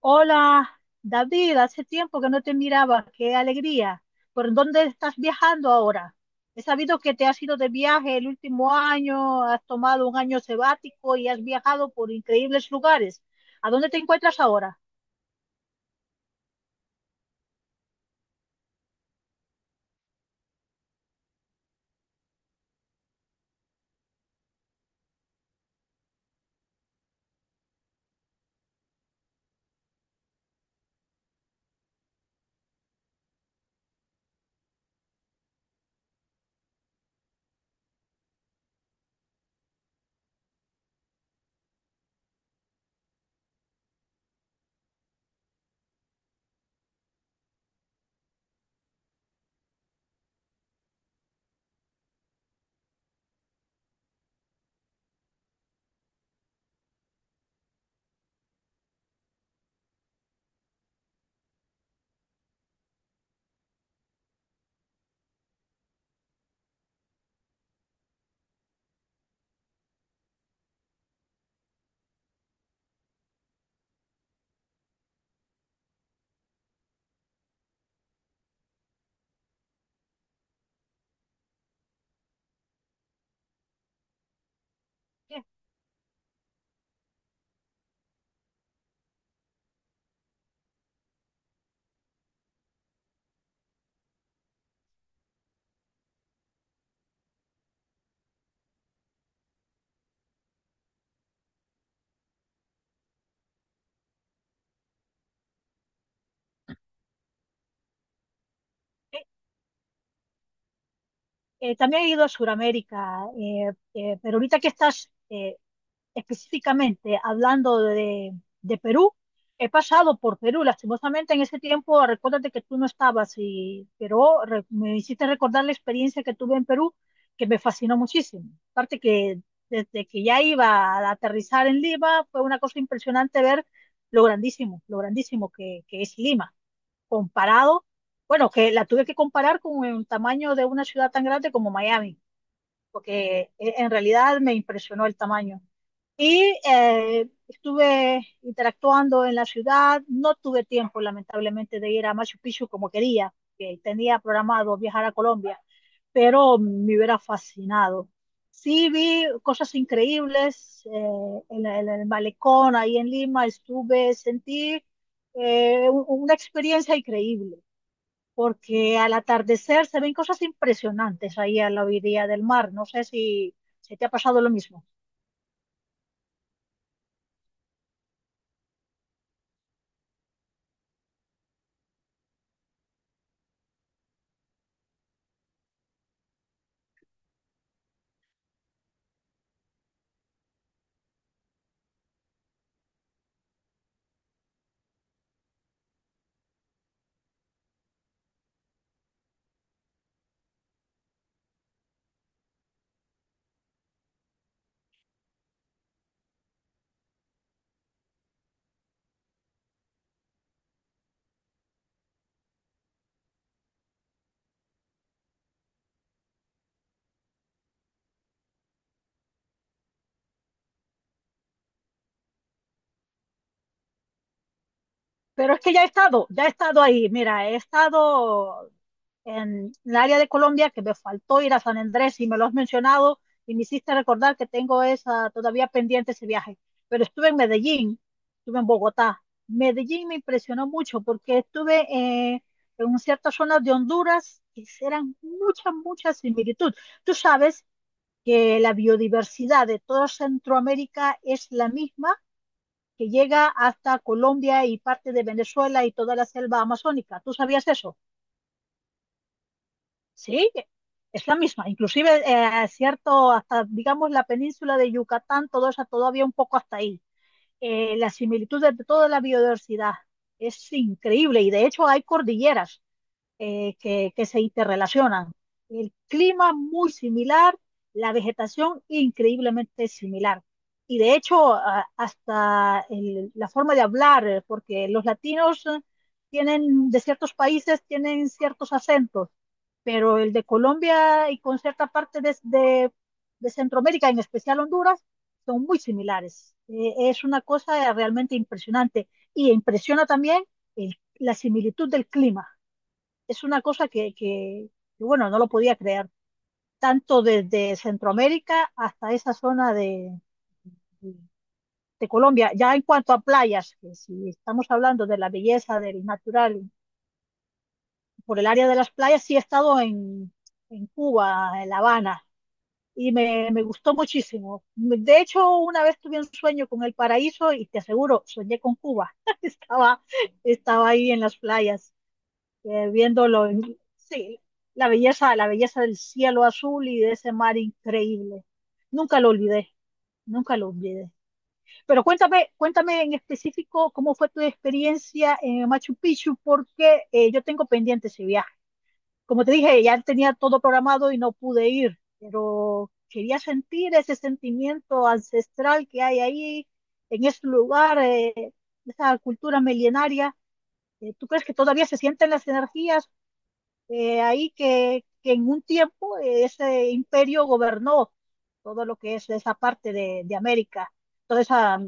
Hola, David, hace tiempo que no te miraba, qué alegría. ¿Por dónde estás viajando ahora? He sabido que te has ido de viaje el último año, has tomado un año sabático y has viajado por increíbles lugares. ¿A dónde te encuentras ahora? También he ido a Sudamérica, pero ahorita que estás específicamente hablando de Perú, he pasado por Perú, lastimosamente en ese tiempo, recuérdate que tú no estabas, pero me hiciste recordar la experiencia que tuve en Perú, que me fascinó muchísimo. Aparte que desde que ya iba a aterrizar en Lima, fue una cosa impresionante ver lo grandísimo que es Lima comparado, bueno, que la tuve que comparar con el tamaño de una ciudad tan grande como Miami, porque en realidad me impresionó el tamaño. Y estuve interactuando en la ciudad, no tuve tiempo lamentablemente de ir a Machu Picchu como quería, que tenía programado viajar a Colombia, pero me hubiera fascinado. Sí, vi cosas increíbles en el malecón, ahí en Lima, estuve, sentí una experiencia increíble porque al atardecer se ven cosas impresionantes ahí a la orilla del mar. No sé si, si te ha pasado lo mismo, pero es que ya he estado ahí. Mira, he estado en el área de Colombia, que me faltó ir a San Andrés, y me lo has mencionado y me hiciste recordar que tengo esa todavía pendiente, ese viaje. Pero estuve en Medellín, estuve en Bogotá. Medellín me impresionó mucho porque estuve en ciertas zonas de Honduras que eran mucha, mucha similitud. Tú sabes que la biodiversidad de toda Centroamérica es la misma que llega hasta Colombia y parte de Venezuela y toda la selva amazónica. ¿Tú sabías eso? Sí, es la misma. Inclusive, cierto, hasta, digamos, la península de Yucatán, todo eso todavía un poco hasta ahí. La similitud de toda la biodiversidad es increíble y de hecho hay cordilleras que se interrelacionan. El clima muy similar, la vegetación increíblemente similar. Y de hecho, la forma de hablar, porque los latinos tienen, de ciertos países, tienen ciertos acentos, pero el de Colombia y con cierta parte de Centroamérica, en especial Honduras, son muy similares. Es una cosa realmente impresionante. Y impresiona también la similitud del clima, es una cosa bueno, no lo podía creer, tanto desde Centroamérica hasta esa zona de, de Colombia. Ya en cuanto a playas, que si estamos hablando de la belleza del natural, por el área de las playas, sí he estado en Cuba, en La Habana, y me gustó muchísimo. De hecho, una vez tuve un sueño con el paraíso y te aseguro, soñé con Cuba. estaba, estaba ahí en las playas, viéndolo, sí, la belleza del cielo azul y de ese mar increíble. Nunca lo olvidé, nunca lo olvidé. Pero cuéntame, cuéntame en específico cómo fue tu experiencia en Machu Picchu, porque yo tengo pendiente ese viaje. Como te dije, ya tenía todo programado y no pude ir, pero quería sentir ese sentimiento ancestral que hay ahí, en ese lugar, esa cultura milenaria. ¿Tú crees que todavía se sienten las energías? Que en un tiempo ese imperio gobernó todo lo que es esa parte de América, toda esa,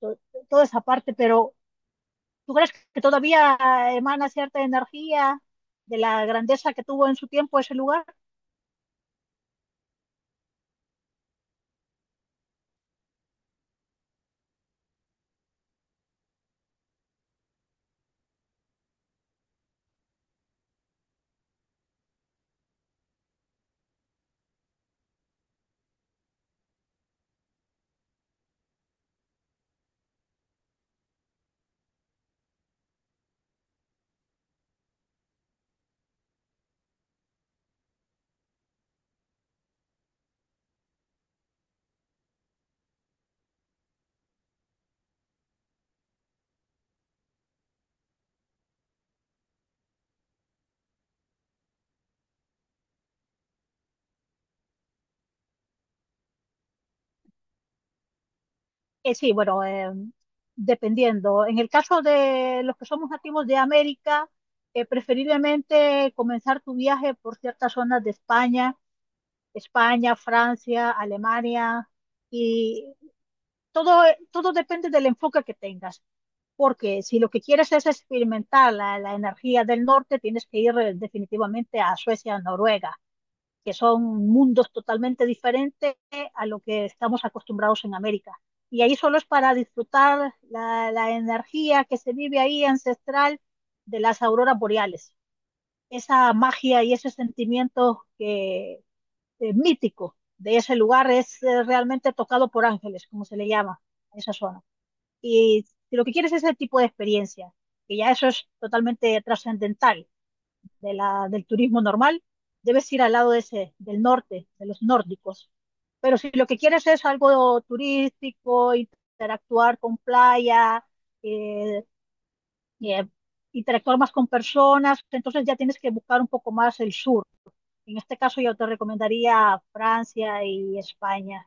to- toda esa parte, pero ¿tú crees que todavía emana cierta energía de la grandeza que tuvo en su tiempo ese lugar? Sí, bueno, dependiendo. En el caso de los que somos nativos de América, preferiblemente comenzar tu viaje por ciertas zonas de España, España, Francia, Alemania y todo, todo depende del enfoque que tengas, porque si lo que quieres es experimentar la energía del norte, tienes que ir definitivamente a Suecia, Noruega, que son mundos totalmente diferentes a lo que estamos acostumbrados en América. Y ahí solo es para disfrutar la energía que se vive ahí ancestral, de las auroras boreales, esa magia y ese sentimiento mítico de ese lugar es realmente tocado por ángeles, como se le llama a esa zona. Y si lo que quieres es ese tipo de experiencia, que ya eso es totalmente trascendental de del turismo normal, debes ir al lado de ese, del norte, de los nórdicos. Pero si lo que quieres es algo turístico, interactuar con playa, eh, eh, interactuar más con personas, entonces ya tienes que buscar un poco más el sur. En este caso yo te recomendaría Francia y España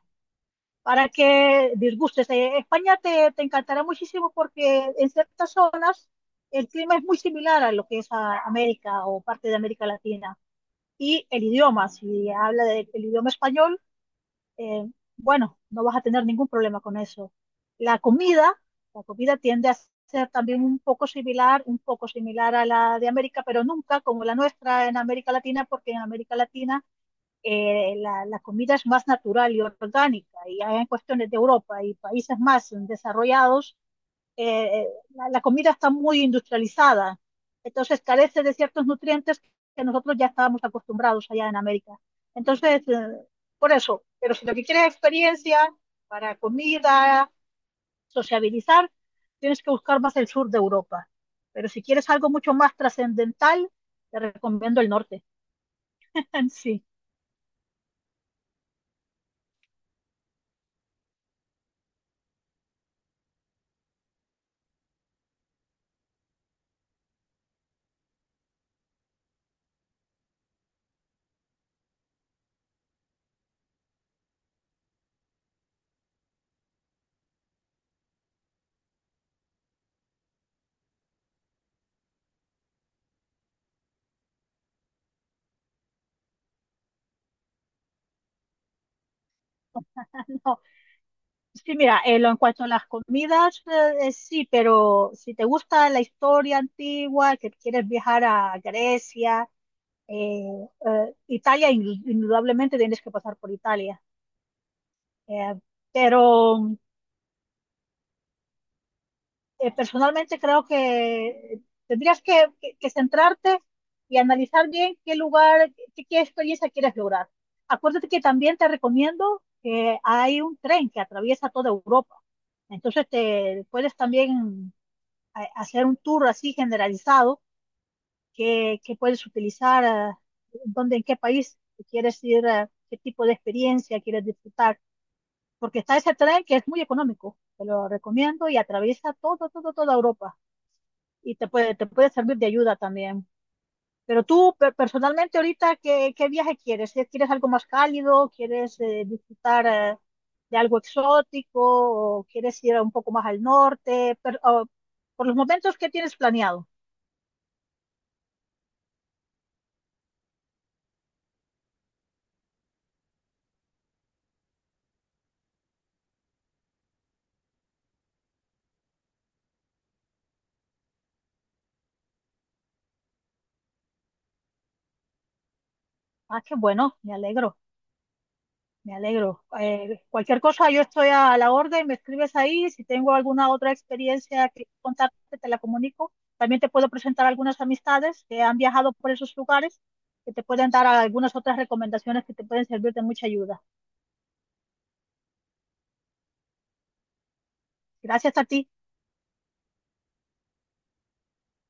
para que disgustes. España te encantará muchísimo porque en ciertas zonas el clima es muy similar a lo que es a América o parte de América Latina. Y el idioma, si habla del idioma español, eh, bueno, no vas a tener ningún problema con eso. La comida, la comida tiende a ser también un poco similar a la de América, pero nunca como la nuestra en América Latina, porque en América Latina comida es más natural y orgánica, y hay en cuestiones de Europa y países más desarrollados, eh, eh, comida está muy industrializada, entonces carece de ciertos nutrientes que nosotros ya estábamos acostumbrados allá en América. Entonces, por eso, pero si lo que quieres es experiencia para comida, sociabilizar, tienes que buscar más el sur de Europa. Pero si quieres algo mucho más trascendental, te recomiendo el norte. Sí, no, sí, mira, lo en cuanto a las comidas, sí, pero si te gusta la historia antigua, que quieres viajar a Grecia, eh, Italia, indudablemente tienes que pasar por Italia. Eh, pero personalmente creo que tendrías que centrarte y analizar bien qué lugar, qué experiencia quieres lograr. Acuérdate que también te recomiendo que hay un tren que atraviesa toda Europa. Entonces te puedes también hacer un tour así generalizado que puedes utilizar, ah, dónde, en qué país si quieres ir, ah, qué tipo de experiencia quieres disfrutar, porque está ese tren que es muy económico, te lo recomiendo y atraviesa toda Europa y te te puede servir de ayuda también. Pero tú, personalmente, ahorita, qué viaje quieres? ¿Eh? ¿Quieres algo más cálido? ¿Quieres disfrutar de algo exótico? ¿O quieres ir un poco más al norte? Pero, oh, por los momentos, ¿qué tienes planeado? Ah, qué bueno, me alegro, me alegro. Cualquier cosa, yo estoy a la orden, me escribes ahí, si tengo alguna otra experiencia que contarte, te la comunico. También te puedo presentar algunas amistades que han viajado por esos lugares, que te pueden dar algunas otras recomendaciones que te pueden servir de mucha ayuda. Gracias a ti,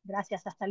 gracias, hasta